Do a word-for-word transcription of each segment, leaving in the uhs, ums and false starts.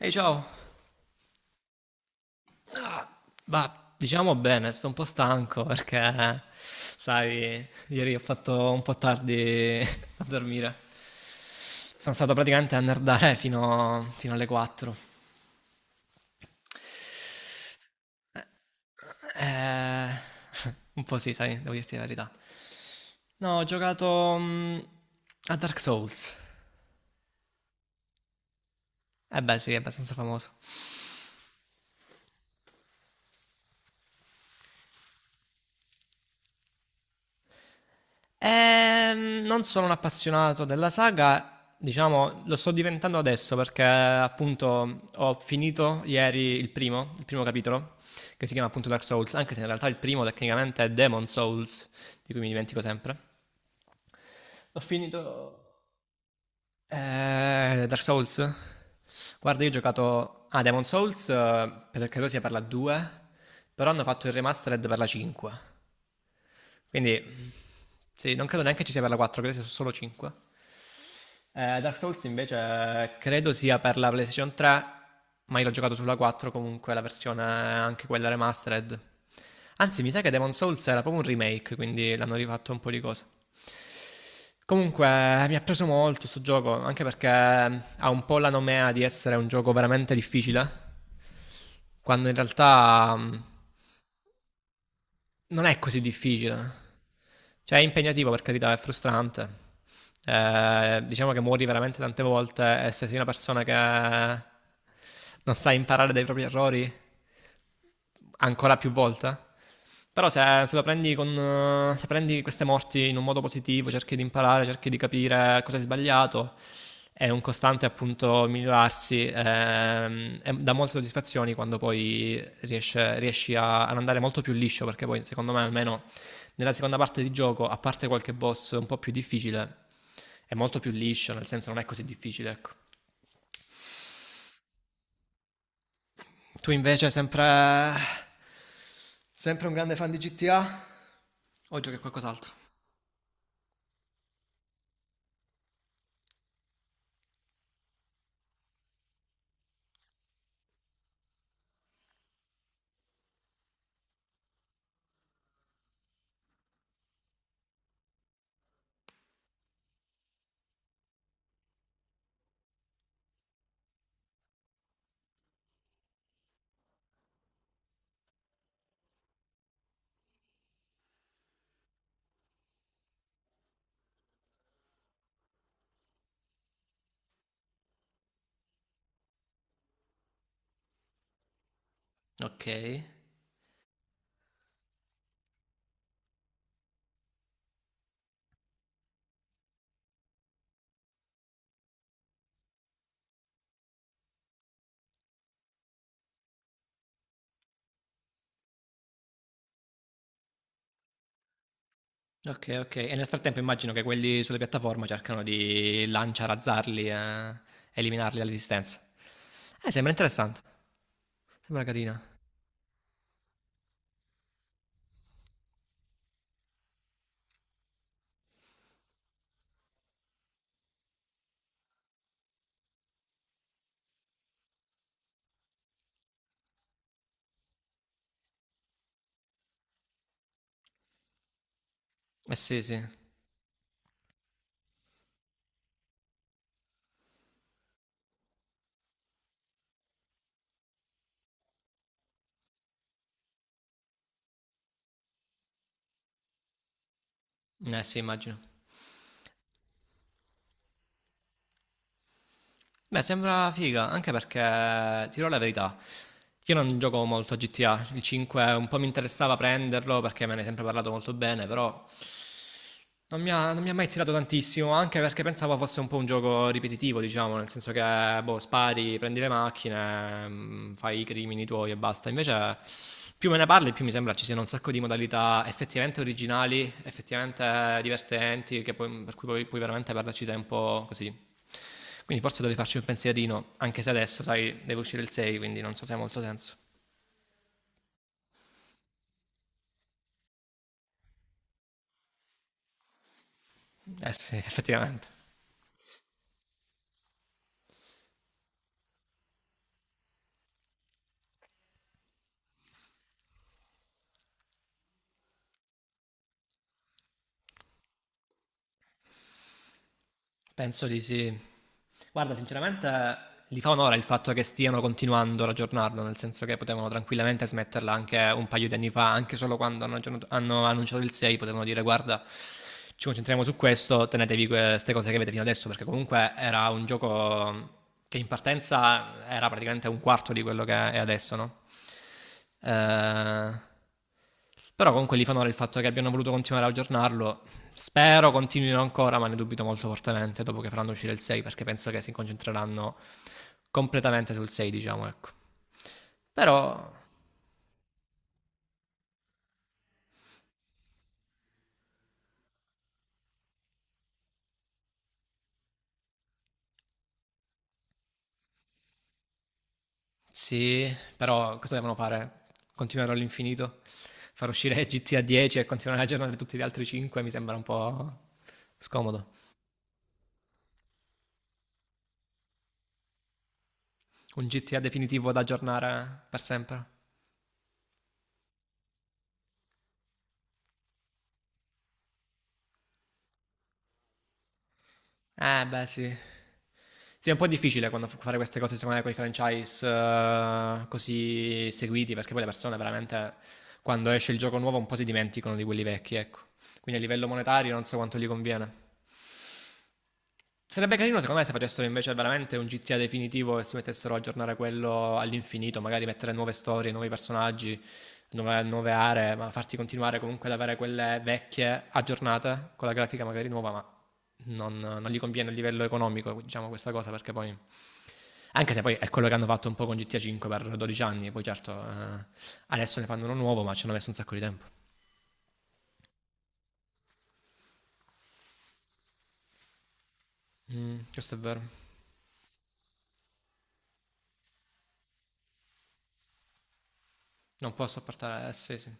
Ehi, ciao. Ah, bah, diciamo bene, sto un po' stanco perché, sai, ieri ho fatto un po' tardi a dormire. Sono stato praticamente a nerdare fino, fino alle quattro. Eh, un po' sì, sai, devo dirti la verità. No, ho giocato mm, a Dark Souls. Eh beh, sì, è abbastanza famoso. Ehm, non sono un appassionato della saga, diciamo, lo sto diventando adesso perché appunto ho finito ieri il primo, il primo capitolo, che si chiama appunto Dark Souls, anche se in realtà il primo tecnicamente è Demon Souls, di cui mi dimentico sempre. Ho finito eh, Dark Souls. Guarda, io ho giocato a Demon Souls, eh, per- credo sia per la due, però hanno fatto il remastered per la cinque. Quindi sì, non credo neanche ci sia per la quattro, credo sia solo cinque. Eh, Dark Souls invece credo sia per la PlayStation tre, ma io l'ho giocato sulla quattro comunque, la versione anche quella remastered. Anzi, mi sa che Demon Souls era proprio un remake, quindi l'hanno rifatto un po' di cose. Comunque eh, mi ha preso molto sto gioco, anche perché mm, ha un po' la nomea di essere un gioco veramente difficile, quando in realtà mh, non è così difficile. Cioè è impegnativo per carità, è frustrante. Eh, diciamo che muori veramente tante volte e se sei una persona che non sa imparare dai propri errori ancora più volte. Però se, se lo prendi con, eh, se prendi queste morti in un modo positivo, cerchi di imparare, cerchi di capire cosa hai sbagliato, è un costante appunto migliorarsi, ehm, e dà molte soddisfazioni quando poi riesce- riesci a, ad andare molto più liscio, perché poi secondo me almeno nella seconda parte di gioco, a parte qualche boss un po' più difficile, è molto più liscio, nel senso non è così difficile, ecco. Tu invece sempre... Sempre un grande fan di G T A? O giochi a qualcos'altro? Ok. Ok, ok. E nel frattempo immagino che quelli sulle piattaforme cercano di lanciarazzarli e eliminarli dall'esistenza. Eh, sembra interessante. Sembra carina. Eh sì, sì. Eh sì, immagino. Beh, sembra figa, anche perché ti dirò la verità. Io non gioco molto a G T A, il cinque un po' mi interessava prenderlo perché me ne hai sempre parlato molto bene, però non mi ha, non mi ha mai tirato tantissimo, anche perché pensavo fosse un po' un gioco ripetitivo, diciamo, nel senso che boh, spari, prendi le macchine, mm, fai i crimini tuoi e basta. Invece più me ne parli, più mi sembra ci siano un sacco di modalità effettivamente originali, effettivamente divertenti, che poi- per cui puoi, puoi veramente perderci tempo così. Quindi forse dovevi farci un pensierino, anche se adesso, sai, deve uscire il sei, quindi non so se ha molto senso. Eh sì, effettivamente. Penso di sì. Guarda, sinceramente gli fa onore il fatto che stiano continuando ad aggiornarlo, nel senso che potevano tranquillamente smetterla anche un paio di anni fa, anche solo quando hanno, aggiornato- hanno annunciato il sei, potevano dire guarda, ci concentriamo su questo, tenetevi queste cose che avete fino adesso, perché comunque era un gioco che in partenza era praticamente un quarto di quello che è adesso, no? Eh, Però comunque gli fa onore il fatto che abbiano voluto continuare ad aggiornarlo. Spero continuino ancora, ma ne dubito molto fortemente dopo che faranno uscire il sei, perché penso che si concentreranno completamente sul sei, diciamo, ecco. Però, sì, però cosa devono fare? Continuare all'infinito? Far uscire G T A dieci e continuare ad aggiornare tutti gli altri cinque mi sembra un po' scomodo. Un G T A definitivo da aggiornare per sempre. Eh, beh, sì. Sì, è un po' difficile quando f- fare queste cose, secondo me, con i franchise eh, così seguiti, perché poi le persone veramente, quando esce il gioco nuovo, un po' si dimenticano di quelli vecchi, ecco. Quindi a livello monetario non so quanto gli conviene. Sarebbe carino secondo me se facessero invece veramente un G T A definitivo e si mettessero a aggiornare quello all'infinito, magari mettere nuove storie, nuovi personaggi, nuove, nuove aree, ma farti continuare comunque ad avere quelle vecchie aggiornate con la grafica magari nuova, ma non, non gli conviene a livello economico, diciamo questa cosa, perché poi... Anche se poi è quello che hanno fatto un po' con G T A cinque per dodici anni, poi certo eh, adesso ne fanno uno nuovo, ma ci hanno messo un sacco di tempo. Mm, questo è vero. Non posso portare... Eh, sì, sì.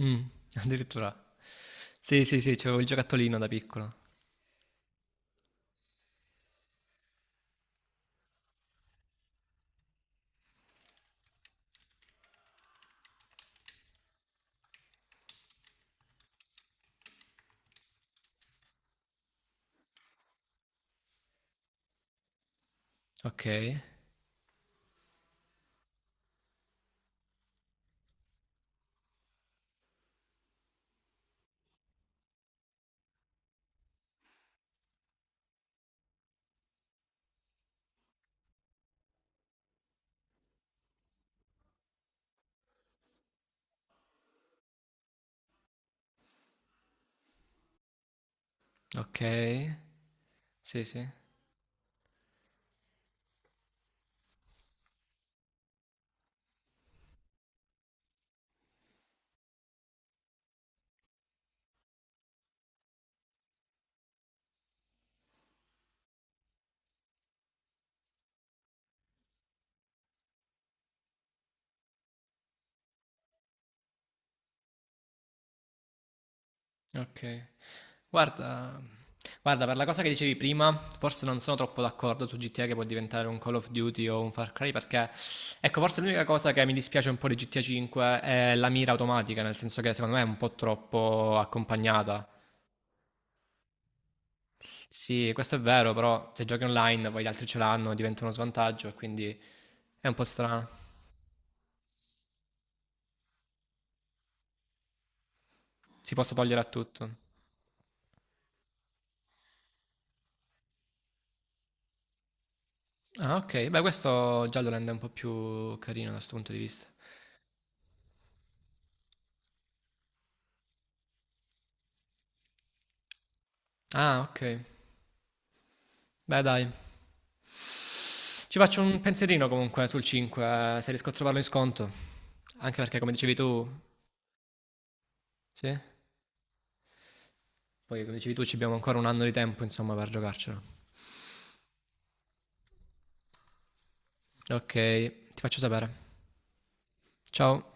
Mm, addirittura. Sì, sì, sì, c'avevo il giocattolino da piccolo. Ok, ok. Sì, sì. Ok. Guarda, guarda, per la cosa che dicevi prima, forse non sono troppo d'accordo su G T A che può diventare un Call of Duty o un Far Cry perché ecco, forse l'unica cosa che mi dispiace un po' di G T A cinque è la mira automatica, nel senso che secondo me è un po' troppo accompagnata. Sì, questo è vero, però se giochi online, poi gli altri ce l'hanno, diventa uno svantaggio e quindi è un po' strano. Si possa togliere a tutto. Ah, ok. Beh, questo già lo rende un po' più carino da questo punto di vista. Ah, ok. Beh, dai. Ci faccio un pensierino comunque sul cinque, eh, se riesco a trovarlo in sconto. Anche perché, come dicevi tu, sì? Poi, come dicevi tu, ci abbiamo ancora un anno di tempo, insomma, per giocarcelo. Ok, ti faccio sapere. Ciao.